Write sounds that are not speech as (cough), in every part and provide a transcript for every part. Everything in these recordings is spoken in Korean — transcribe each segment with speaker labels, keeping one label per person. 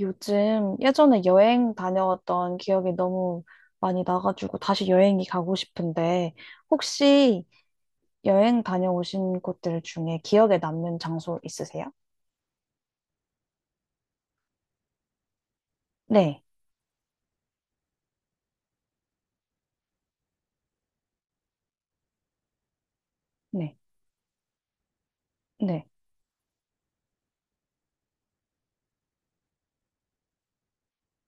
Speaker 1: 요즘 예전에 여행 다녀왔던 기억이 너무 많이 나가지고 다시 여행이 가고 싶은데 혹시 여행 다녀오신 곳들 중에 기억에 남는 장소 있으세요? 네, 네, 네.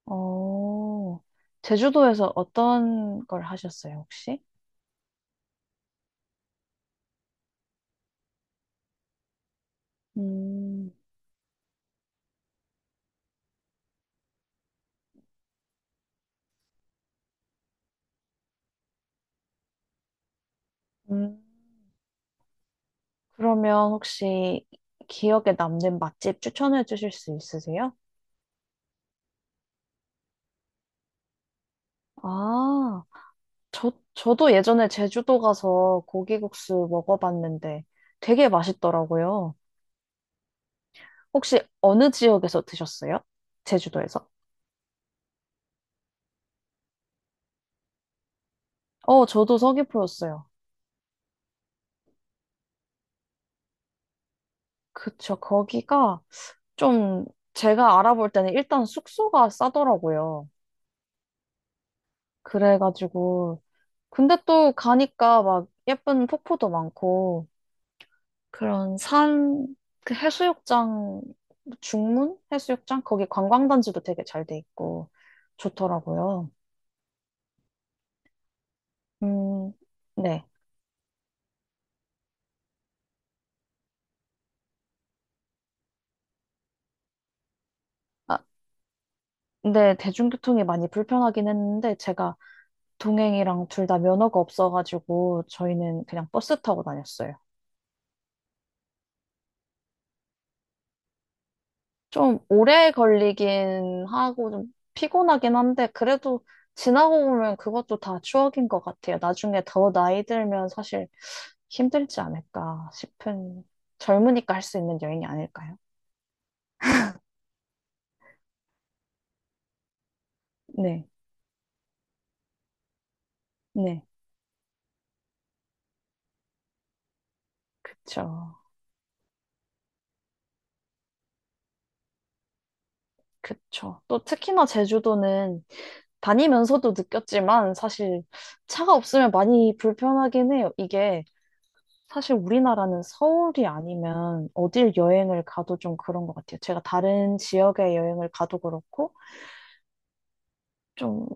Speaker 1: 어, 제주도에서 어떤 걸 하셨어요, 혹시? 음, 음, 그러면 혹시 기억에 남는 맛집 추천해 주실 수 있으세요? 아, 저도 예전에 제주도 가서 고기국수 먹어봤는데 되게 맛있더라고요. 혹시 어느 지역에서 드셨어요? 제주도에서? 어, 저도 서귀포였어요. 그쵸. 거기가 좀 제가 알아볼 때는 일단 숙소가 싸더라고요. 그래가지고. 근데 또 가니까 막 예쁜 폭포도 많고 그런 산, 그 해수욕장, 중문? 해수욕장? 거기 관광단지도 되게 잘 돼 있고 좋더라고요. 음, 네. 아, 근데 대중교통이 많이 불편하긴 했는데 제가 동행이랑 둘 다 면허가 없어가지고 저희는 그냥 버스 타고 다녔어요. 좀 오래 걸리긴 하고 좀 피곤하긴 한데 그래도 지나고 보면 그것도 다 추억인 것 같아요. 나중에 더 나이 들면 사실 힘들지 않을까 싶은 젊으니까 할 수 있는 여행이 아닐까요? 네, 네, 그쵸, 그쵸. 또 특히나 제주도는 다니면서도 느꼈지만 사실 차가 없으면 많이 불편하긴 해요. 이게 사실 우리나라는 서울이 아니면 어딜 여행을 가도 좀 그런 것 같아요. 제가 다른 지역에 여행을 가도 그렇고 좀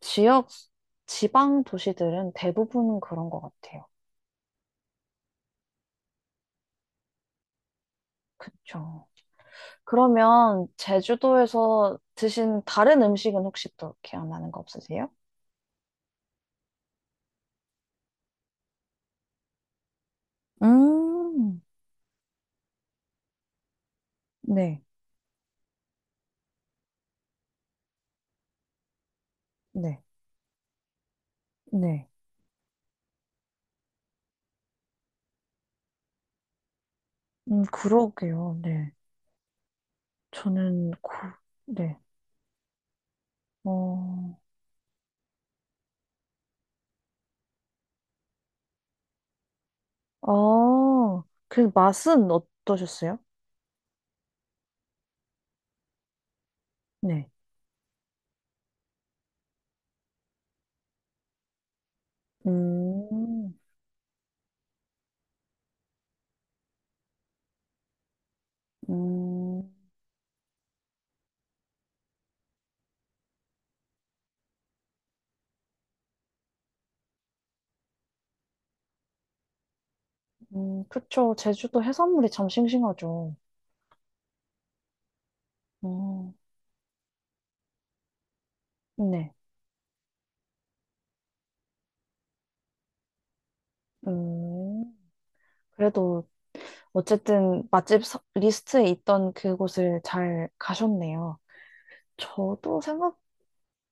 Speaker 1: 지역, 지방 도시들은 대부분 그런 것 같아요. 그쵸. 그러면 제주도에서 드신 다른 음식은 혹시 또 기억나는 거 없으세요? 음, 네, 네, 네. 그러게요. 네. 저는 고, 네. 어, 그 맛은 어떠셨어요? 네. 음, 음, 그쵸. 제주도 해산물이 참 싱싱하죠. 음, 네. 음, 그래도 어쨌든 맛집 리스트에 있던 그곳을 잘 가셨네요. 저도 생각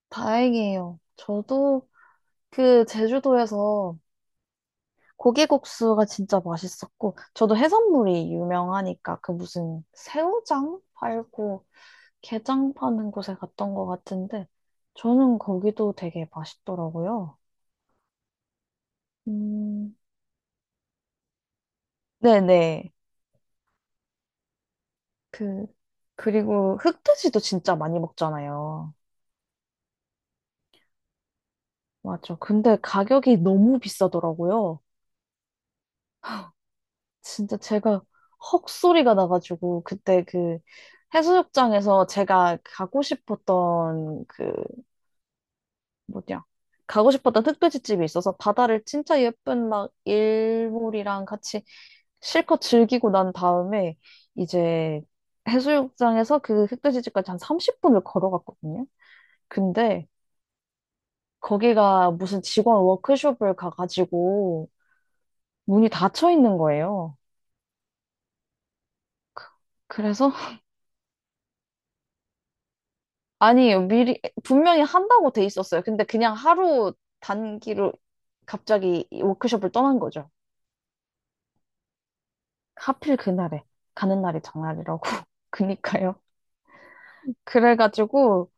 Speaker 1: 다행이에요. 저도 그 제주도에서 고기국수가 진짜 맛있었고, 저도 해산물이 유명하니까 그 무슨 새우장 팔고 게장 파는 곳에 갔던 것 같은데, 저는 거기도 되게 맛있더라고요. 음, 네네. 그, 그리고 흑돼지도 진짜 많이 먹잖아요. 맞죠. 근데 가격이 너무 비싸더라고요. 진짜 제가 헉 소리가 나가지고, 그때 그 해수욕장에서 제가 가고 싶었던 그 뭐냐. 가고 싶었던 흑끄지집이 있어서 바다를 진짜 예쁜 막 일몰이랑 같이 실컷 즐기고 난 다음에 이제 해수욕장에서 그흑끄지집까지 한 30분을 걸어갔거든요. 근데 거기가 무슨 직원 워크숍을 가가지고 문이 닫혀 있는 거예요. 그래서 (laughs) 아니 미리 분명히 한다고 돼 있었어요. 근데 그냥 하루 단기로 갑자기 이 워크숍을 떠난 거죠. 하필 그날에 가는 날이 장날이라고 (laughs) 그니까요. 그래가지고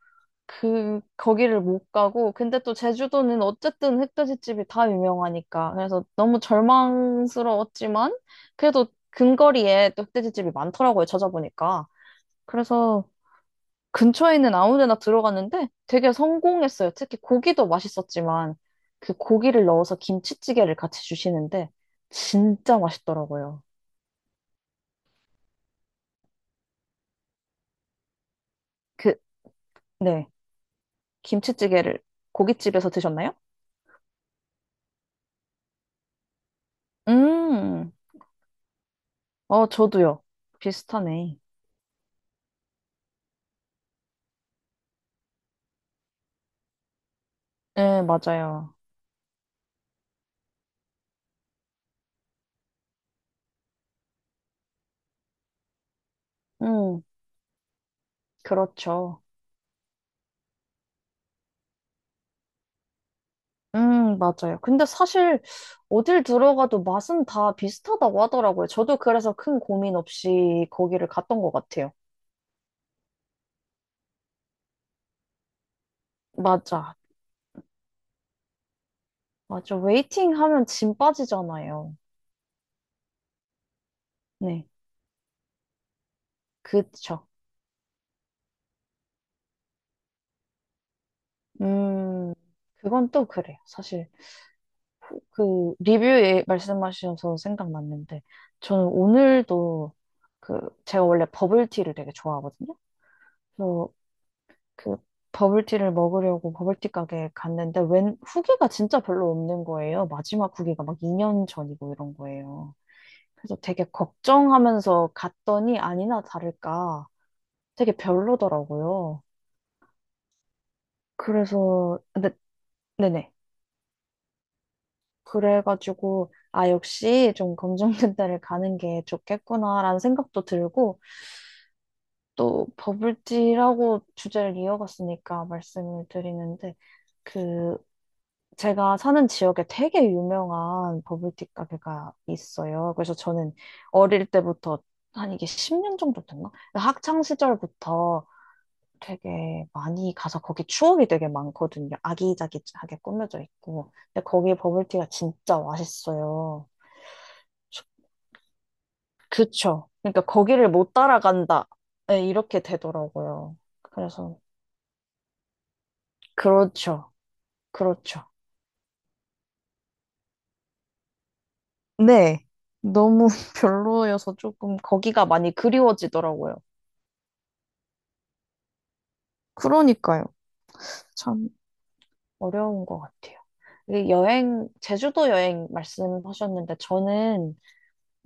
Speaker 1: 그 거기를 못 가고 근데 또 제주도는 어쨌든 흑돼지집이 다 유명하니까 그래서 너무 절망스러웠지만 그래도 근거리에 또 흑돼지집이 많더라고요 찾아보니까. 그래서 근처에 있는 아무 데나 들어갔는데 되게 성공했어요. 특히 고기도 맛있었지만 그 고기를 넣어서 김치찌개를 같이 주시는데 진짜 맛있더라고요. 그네 김치찌개를 고깃집에서 드셨나요? 음, 어, 저도요. 비슷하네. 네, 맞아요. 음, 그렇죠. 맞아요. 근데 사실 어딜 들어가도 맛은 다 비슷하다고 하더라고요. 저도 그래서 큰 고민 없이 거기를 갔던 것 같아요. 맞아. 맞아. 웨이팅 하면 짐 빠지잖아요. 네. 그쵸. 음, 그건 또 그래요. 사실. 그 리뷰에 말씀하셔서 생각났는데 저는 오늘도 그 제가 원래 버블티를 되게 좋아하거든요. 그래서 그 버블티를 먹으려고 버블티 가게에 갔는데 웬 후기가 진짜 별로 없는 거예요. 마지막 후기가 막 2년 전이고 이런 거예요. 그래서 되게 걱정하면서 갔더니 아니나 다를까 되게 별로더라고요. 그래서 근데 네네. 그래가지고, 아, 역시 좀 검정근대를 (laughs) 가는 게 좋겠구나라는 생각도 들고, 또 버블티라고 주제를 이어갔으니까 말씀을 드리는데, 그, 제가 사는 지역에 되게 유명한 버블티 가게가 있어요. 그래서 저는 어릴 때부터, 한 이게 10년 정도 됐나? 학창 시절부터 되게 많이 가서 거기 추억이 되게 많거든요. 아기자기하게 꾸며져 있고. 근데 거기 버블티가 진짜 맛있어요. 그쵸. 그러니까 거기를 못 따라간다. 네, 이렇게 되더라고요. 그래서, 그렇죠. 그렇죠. 네. 너무 (laughs) 별로여서 조금 거기가 많이 그리워지더라고요. 그러니까요. 참. 어려운 것 같아요. 이 여행, 제주도 여행 말씀하셨는데, 저는,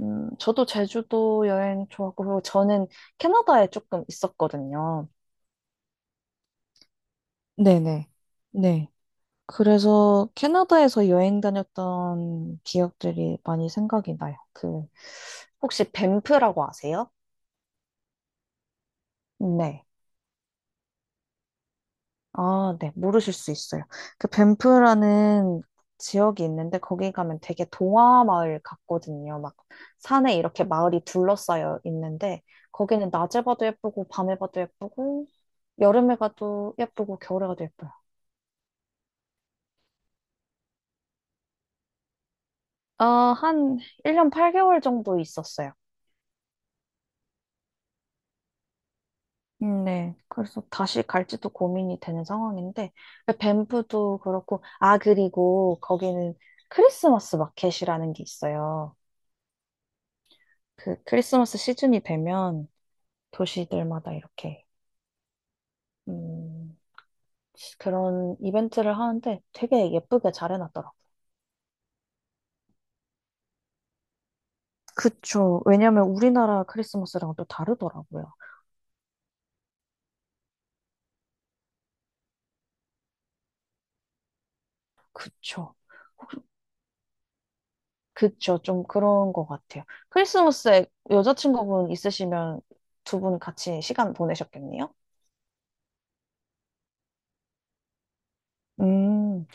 Speaker 1: 저도 제주도 여행 좋아하고, 그리고 저는 캐나다에 조금 있었거든요. 네네. 네. 그래서 캐나다에서 여행 다녔던 기억들이 많이 생각이 나요. 그, 혹시 밴프라고 아세요? 네. 아, 네. 모르실 수 있어요. 그 밴프라는 지역이 있는데 거기 가면 되게 동화 마을 같거든요. 막 산에 이렇게 마을이 둘러싸여 있는데 거기는 낮에 봐도 예쁘고 밤에 봐도 예쁘고 여름에 가도 예쁘고 겨울에 가도 예뻐요. 아, 한 1년 8개월 정도 있었어요. 네. 그래서 다시 갈지도 고민이 되는 상황인데, 밴프도 그렇고, 아, 그리고 거기는 크리스마스 마켓이라는 게 있어요. 그 크리스마스 시즌이 되면 도시들마다 이렇게, 음, 그런 이벤트를 하는데 되게 예쁘게 잘 해놨더라고요. 그쵸. 왜냐면 우리나라 크리스마스랑 또 다르더라고요. 그쵸. 그쵸. 좀 그런 것 같아요. 크리스마스에 여자친구분 있으시면 두 분 같이 시간 보내셨겠네요? 음.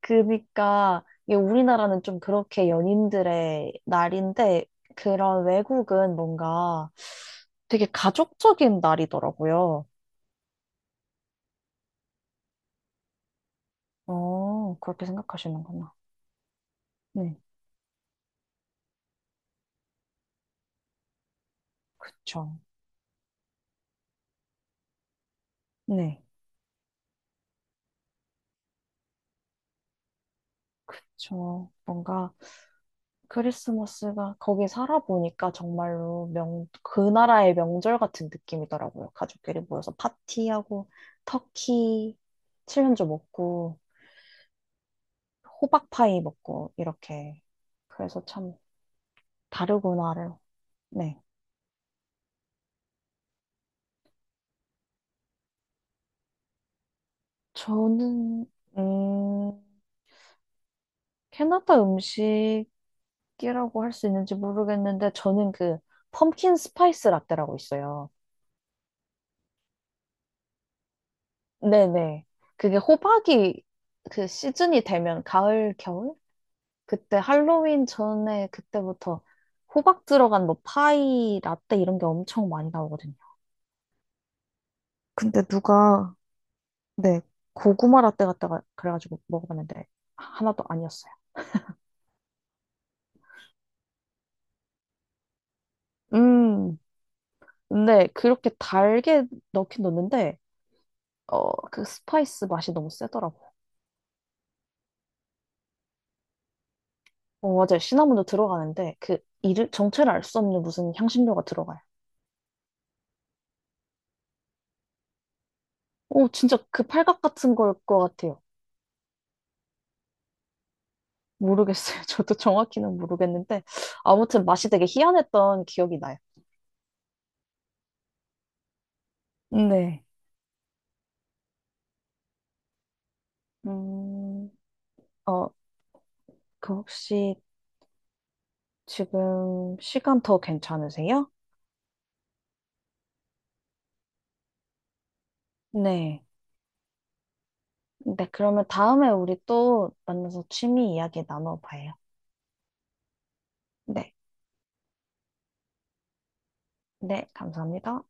Speaker 1: 그니까 이게 우리나라는 좀 그렇게 연인들의 날인데 그런 외국은 뭔가 되게 가족적인 날이더라고요. 어, 그렇게 생각하시는구나. 네, 그쵸. 네, 그쵸 뭔가 크리스마스가 거기 살아보니까 정말로 그 나라의 명절 같은 느낌이더라고요. 가족끼리 모여서 파티하고 터키 칠면조 먹고 호박파이 먹고 이렇게. 그래서 참 다르구나요. 네. 저는, 음, 캐나다 음식이라고 할 수 있는지 모르겠는데, 저는 그, 펌킨 스파이스 라떼라고 있어요. 네네. 그게 호박이 그 시즌이 되면, 가을, 겨울? 그때 할로윈 전에 그때부터 호박 들어간 뭐 파이, 라떼 이런 게 엄청 많이 나오거든요. 근데 누가, 네, 고구마 라떼 갖다가 그래가지고 먹어봤는데, 하나도 아니었어요. 음. 근데 그렇게 달게 넣긴 넣는데 그 스파이스 맛이 너무 세더라고. 어 맞아요. 시나몬도 들어가는데 그 이름 정체를 알 수 없는 무슨 향신료가 들어가요. 오 진짜 그 팔각 같은 걸 것 같아요. 모르겠어요. (laughs) 저도 정확히는 모르겠는데 아무튼 맛이 되게 희한했던 기억이 나요. 네. 음, 어, 그 혹시 지금 시간 더 괜찮으세요? 네. 네, 그러면 다음에 우리 또 만나서 취미 이야기 나눠봐요. 네. 네, 감사합니다.